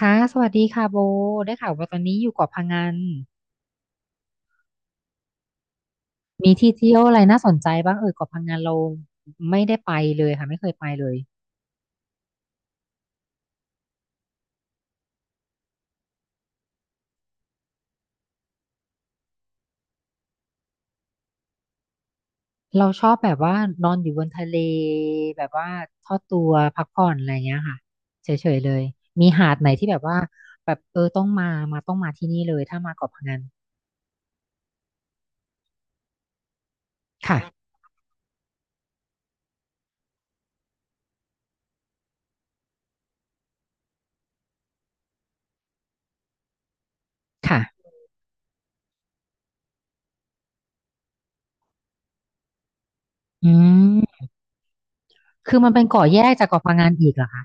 ค่ะสวัสดีค่ะโบได้ข่าวว่าตอนนี้อยู่เกาะพะงันมีที่เที่ยวอะไรน่าสนใจบ้างเกาะพะงันเราไม่ได้ไปเลยค่ะไม่เคยไปเลยเราชอบแบบว่านอนอยู่บนทะเลแบบว่าทอดตัวพักผ่อนอะไรเงี้ยค่ะเฉยๆเลยมีหาดไหนที่แบบว่าแบบต้องมาที่นี่เลยถ้ามาเกาะพะงันค่ะค่ะอืมคือมันเป็นเกาะแยกจากเกาะพะงันอีกเหรอคะ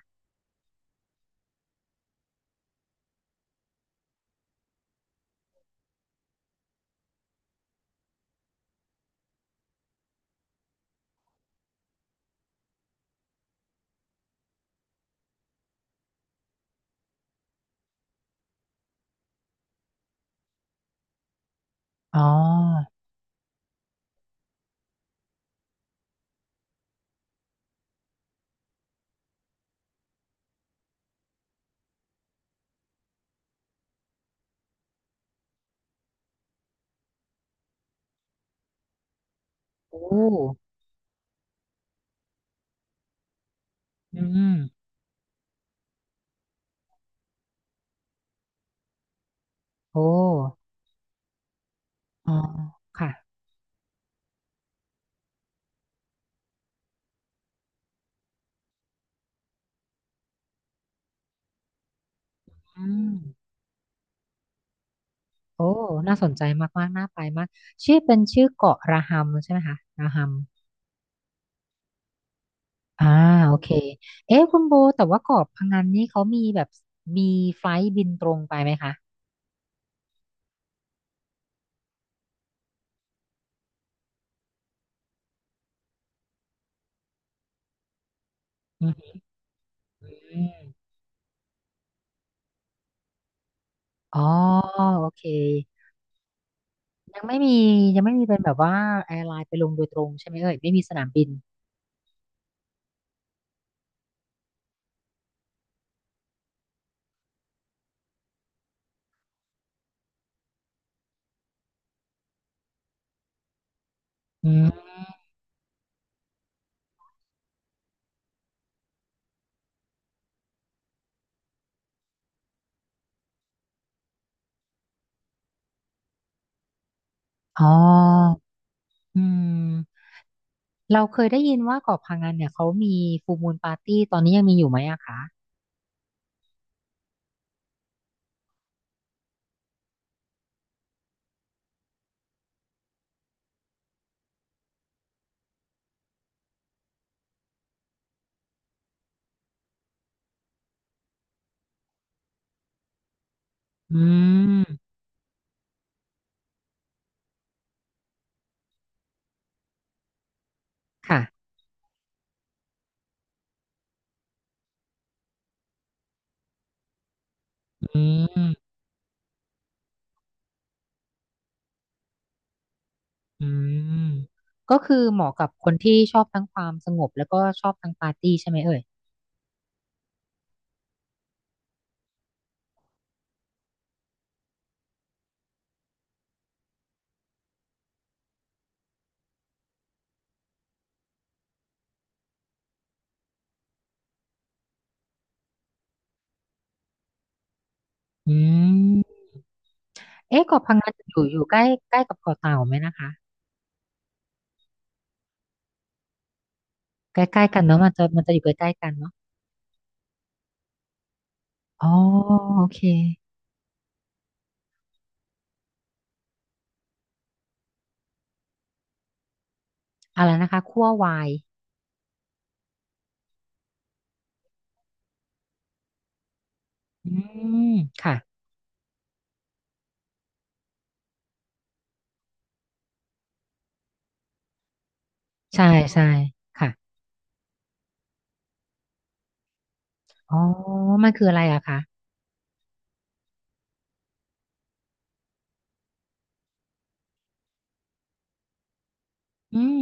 อ๋อโอ้อืมโอ้อ๋อค่ะอืม โอ้น่าสนใจมากๆน่าไปมาก ชื่อเป็นชื่อเกาะระหัมใช่ไหมคะระหัมอ่าโอเคเอ๊ะคุณโบแต่ว่าเกาะพะงันนี่เขามีแบบมีไฟล์บินตรงไปไหมคะอืมอ๋อโอเค ยังไม่มียังไม่มีเป็นแบบว่าแอร์ไลน์ไปลงโดยตรงใช่ไหมเอ่ยไม่มีสนามบินอืมอ๋ออืมเราเคยได้ยินว่าเกาะพะงันเนี่ยเขามีฟูมูลปาร์ตี้ตอนนี้ยังมีอยู่ไหมอะคะอืมค่ะอืม อืมก็คือเหมาะกับคนที่ชอบทั้งความสงบแล้วก็ชอบทั้งปาร์ตี้ใช่ไหมเอ่ยอืมเอ๊ะเกาะพังงานอยู่ใกล้ใกล้กับเกาะเต่าไหมนะคะใกล้ๆกันเนาะมันจะอยู่ใกล้ๆกันเนาะอ๋อโอเคอะไรนะคะคั่ววายอืมค่ะใช่ใช่ค่ะอ๋อมันคืออะไรอะคะอืม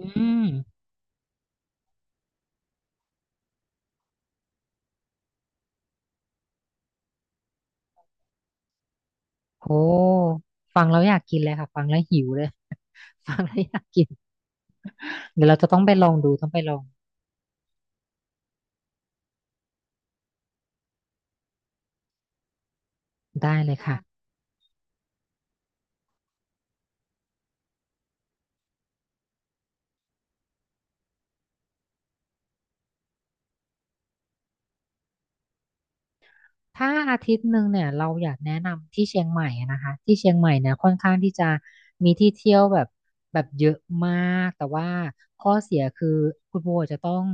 อืมโอ้ฟังแล้วอยากกินเลยค่ะฟังแล้วหิวเลย ฟังแล้วอยากกินเดี๋ยวเราจะต้องไปลองดูต้องไปลองได้เลยค่ะ ถ้าอาทิตย์หนึ่งเนี่ยเราอยากแนะนำที่เชียงใหม่อะนะคะที่เชียงใหม่เนี่ยค่อนข้างที่จะมีที่เที่ยวแบบแบบเยอะมากแต่ว่าข้อเสียคือคุณโบจะต้อง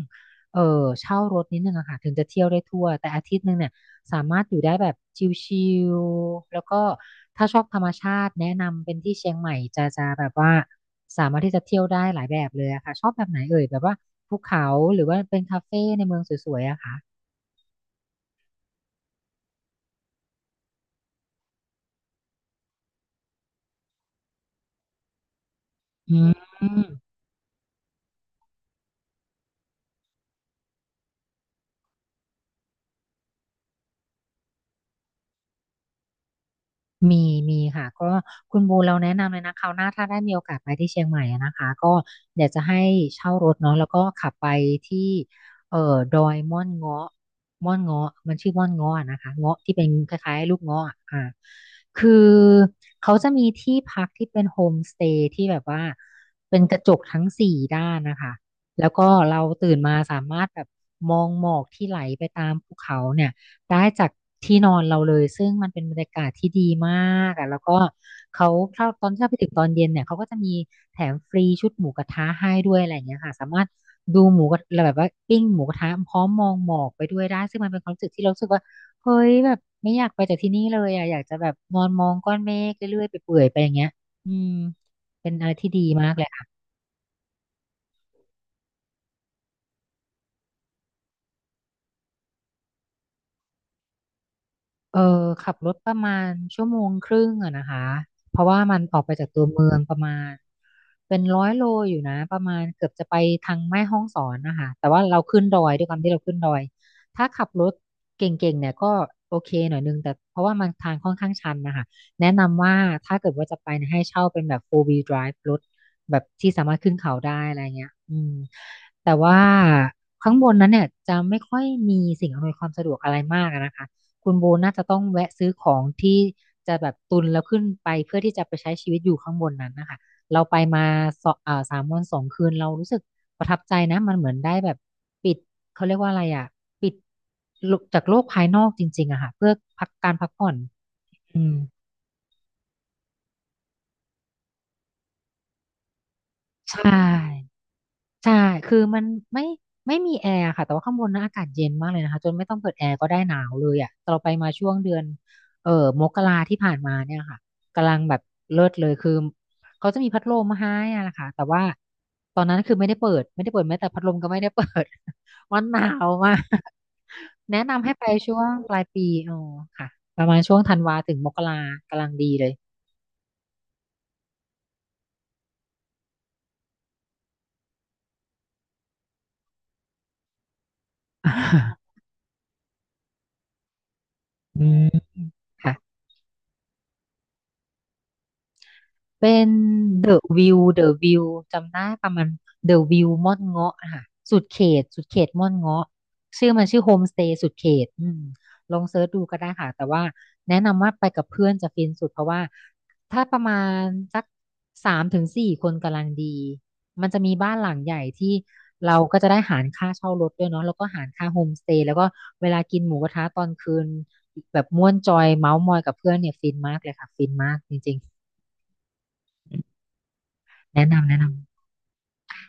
เออเช่ารถนิดนึงอะค่ะถึงจะเที่ยวได้ทั่วแต่อาทิตย์หนึ่งเนี่ยสามารถอยู่ได้แบบชิลๆแล้วก็ถ้าชอบธรรมชาติแนะนำเป็นที่เชียงใหม่จะแบบว่าสามารถที่จะเที่ยวได้หลายแบบเลยอะค่ะชอบแบบไหนเอ่ยแบบว่าภูเขาหรือว่าเป็นคาเฟ่ในเมืองสวยๆอะค่ะอืม มีมีค่ะก็คุณบูเราแนะนำเลยนะคราวหน้าถ้าได้มีโอกาสไปที่เชียงใหม่อะนะคะก็เดี๋ยวจะให้เช่ารถเนาะแล้วก็ขับไปที่เอ่อดอยม่อนเงาะม่อนเงาะมันชื่อม่อนเงาะอะนะคะเงาะที่เป็นคล้ายๆลูกเงาะอะคือเขาจะมีที่พักที่เป็นโฮมสเตย์ที่แบบว่าเป็นกระจกทั้งสี่ด้านนะคะแล้วก็เราตื่นมาสามารถแบบมองหมอกที่ไหลไปตามภูเขาเนี่ย ได้จากที่นอนเราเลยซึ่งมันเป็นบรรยากาศที่ดีมากอ่ะแล้วก็เขาถ้าตอนที่เราไปถึงตอนเย็นเนี่ยเขาก็จะมีแถมฟรีชุดหมูกระทะให้ด้วยอะไรอย่างเงี้ยค่ะสามารถดูหมูกระแบบว่าปิ้งหมูกระทะพร้อมมองหมอกไปด้วยได้ซึ่งมันเป็นความรู้สึกที่เรารู้สึกว่าเฮ้ยแบบไม่อยากไปจากที่นี่เลยอ่ะอยากจะแบบนอนมองก้อนเมฆเรื่อยๆไปเปื่อยๆไปอย่างเงี้ยอืมเป็นอะไรที่ดีมากเลย เออขับรถประมาณชั่วโมงครึ่งอะนะคะเพราะว่ามันออกไปจากตัวเมืองประมาณเป็นร้อยโลอยู่นะประมาณเกือบจะไปทางแม่ฮ่องสอนนะคะแต่ว่าเราขึ้นดอยด้วยความที่เราขึ้นดอยถ้าขับรถเก่งๆเนี่ยก็โอเคหน่อยนึงแต่เพราะว่ามันทางค่อนข้างชันนะคะแนะนำว่าถ้าเกิดว่าจะไปเนี่ยให้เช่าเป็นแบบ four wheel drive รถแบบที่สามารถขึ้นเขาได้อะไรเงี้ยอืมแต่ว่าข้างบนนั้นเนี่ยจะไม่ค่อยมีสิ่งอำนวยความสะดวกอะไรมากอะนะคะ คุณโบน่าจะต้องแวะซื้อของที่จะแบบตุนแล้วขึ้นไปเพื่อที่จะไปใช้ชีวิตอยู่ข้างบนนั้นนะคะเราไปมาสามวันสองคืนเรารู้สึกประทับใจนะมันเหมือนได้แบบปิดเขาเรียกว่าอะไรอ่ะปิดจากโลกภายนอกจริงๆอะค่ะเพื่อพักการพักผ่อนอืมใช่ ใช่ คือมันไม่ไม่มีแอร์ค่ะแต่ว่าข้างบนนะอากาศเย็นมากเลยนะคะจนไม่ต้องเปิดแอร์ก็ได้หนาวเลยอ่ะแต่เราไปมาช่วงเดือนเอ่อมกราที่ผ่านมาเนี่ยค่ะกำลังแบบเลิศเลยคือเขาจะมีพัดลมมาให้อะนะคะแต่ว่าตอนนั้นคือไม่ได้เปิดแม้แต่พัดลมก็ไม่ได้เปิด มันหนาวมาก แนะนำให้ไปช่วงปลายปีอ๋อค่ะประมาณช่วงธันวาถึงมกรากำลังดีเลย อืมค่ะ เป็น The View The View จำได้ประมาณ The View ม่อนเงาะอะค่ะสุดเขตสุดเขตม่อนเงาะชื่อมันชื่อโฮมสเตย์สุดเขตอืมลองเซิร์ชดูก็ได้ค่ะ แต่ว่าแนะนำว่าไปกับเพื่อนจะฟินสุดเพราะว่าถ้าประมาณสักสามถึงสี่คนกำลังดี มันจะมีบ้านหลังใหญ่ที่เราก็จะได้หารค่าเช่ารถด้วยเนาะแล้วก็หารค่าโฮมสเตย์แล้วก็เวลากินหมูกระทะตอนคืนแบบม่วนจอยเมาท์มอยกับเพื่อนเนี่ยฟินมากเลยค่ะฟินมากจริงๆแนะนำแนะนำ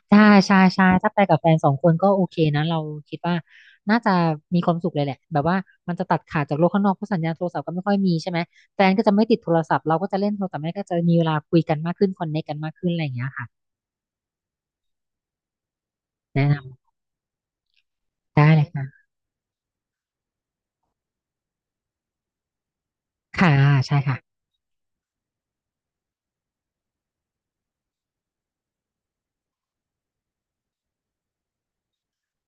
ใช่ใช่ใช่ถ้าไปกับแฟนสองคนก็โอเคนะเราคิดว่าน่าจะมีความสุขเลยแหละ แบบว่ามันจะตัดขาดจากโลกข้างนอกเพราะสัญญาณโทรศัพท์ก็ไม่ค่อยมีใช่ไหม แฟนก็จะไม่ติดโทรศัพท์เราก็จะเล่นโทรศัพท์แม่ก็จะมีเวลาคุยกันมากขึ้นคอนเนคกันมากขึ้นอะไรอย่างเงี้ยค่ะ แนะนำได้เลยค่ะค่ะใช่ค่ะ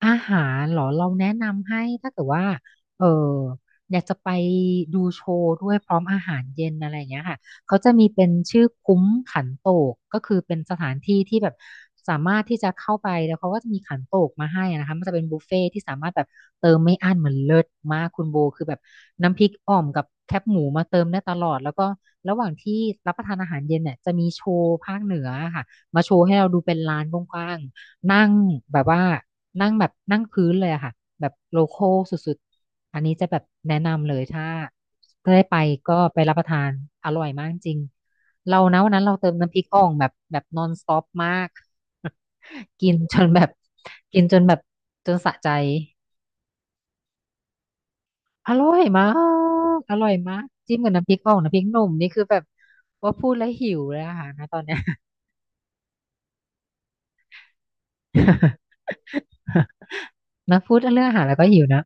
อาหารเหรอเราแนะนำให้ถ้าเกิดว่าเอออยากจะไปดูโชว์ด้วยพร้อมอาหารเย็นอะไรอย่างเงี้ยค่ะเขาจะมีเป็นชื่อคุ้มขันโตกก็คือเป็นสถานที่ที่แบบสามารถที่จะเข้าไปแล้วเขาก็จะมีขันโตกมาให้นะคะมันจะเป็นบุฟเฟ่ที่สามารถแบบเติมไม่อั้นเหมือนเลิศมากคุณโบคือแบบน้ำพริกอ่อมกับแคบหมูมาเติมได้ตลอดแล้วก็ระหว่างที่รับประทานอาหารเย็นเนี่ยจะมีโชว์ภาคเหนือค่ะมาโชว์ให้เราดูเป็นลานกว้าง นั่งแบบว่านั่งแบบนั่งพื้นเลยอะค่ะแบบโลคอลสุดๆอันนี้จะแบบแนะนำเลยถ้าได้ไปก็ไปรับประทานอร่อยมากจริงเรานะวันนั้นเราเติมน้ำพริกอ่องแบบนอนสต็อปมาก กินจนแบบกินจนแบบจนสะใจอร่อยมากอร่อยมากจิ้มกับน้ำพริกอ่องน้ำพริกหนุ่มนี่คือแบบว่าพูดแล้วหิวเลยอะค่ะนะตอนเนี้ย นะพูดเรื่องอาหารแล้วก็หิวนะ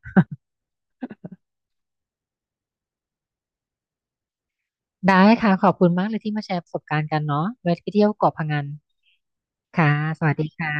ได้ค่ะขอบคุณมากเลยที่มาแชร์ประสบการณ์กันเนาะไว้ไปเที่ยวเกาะพะงันค่ะสวัสดีค่ะ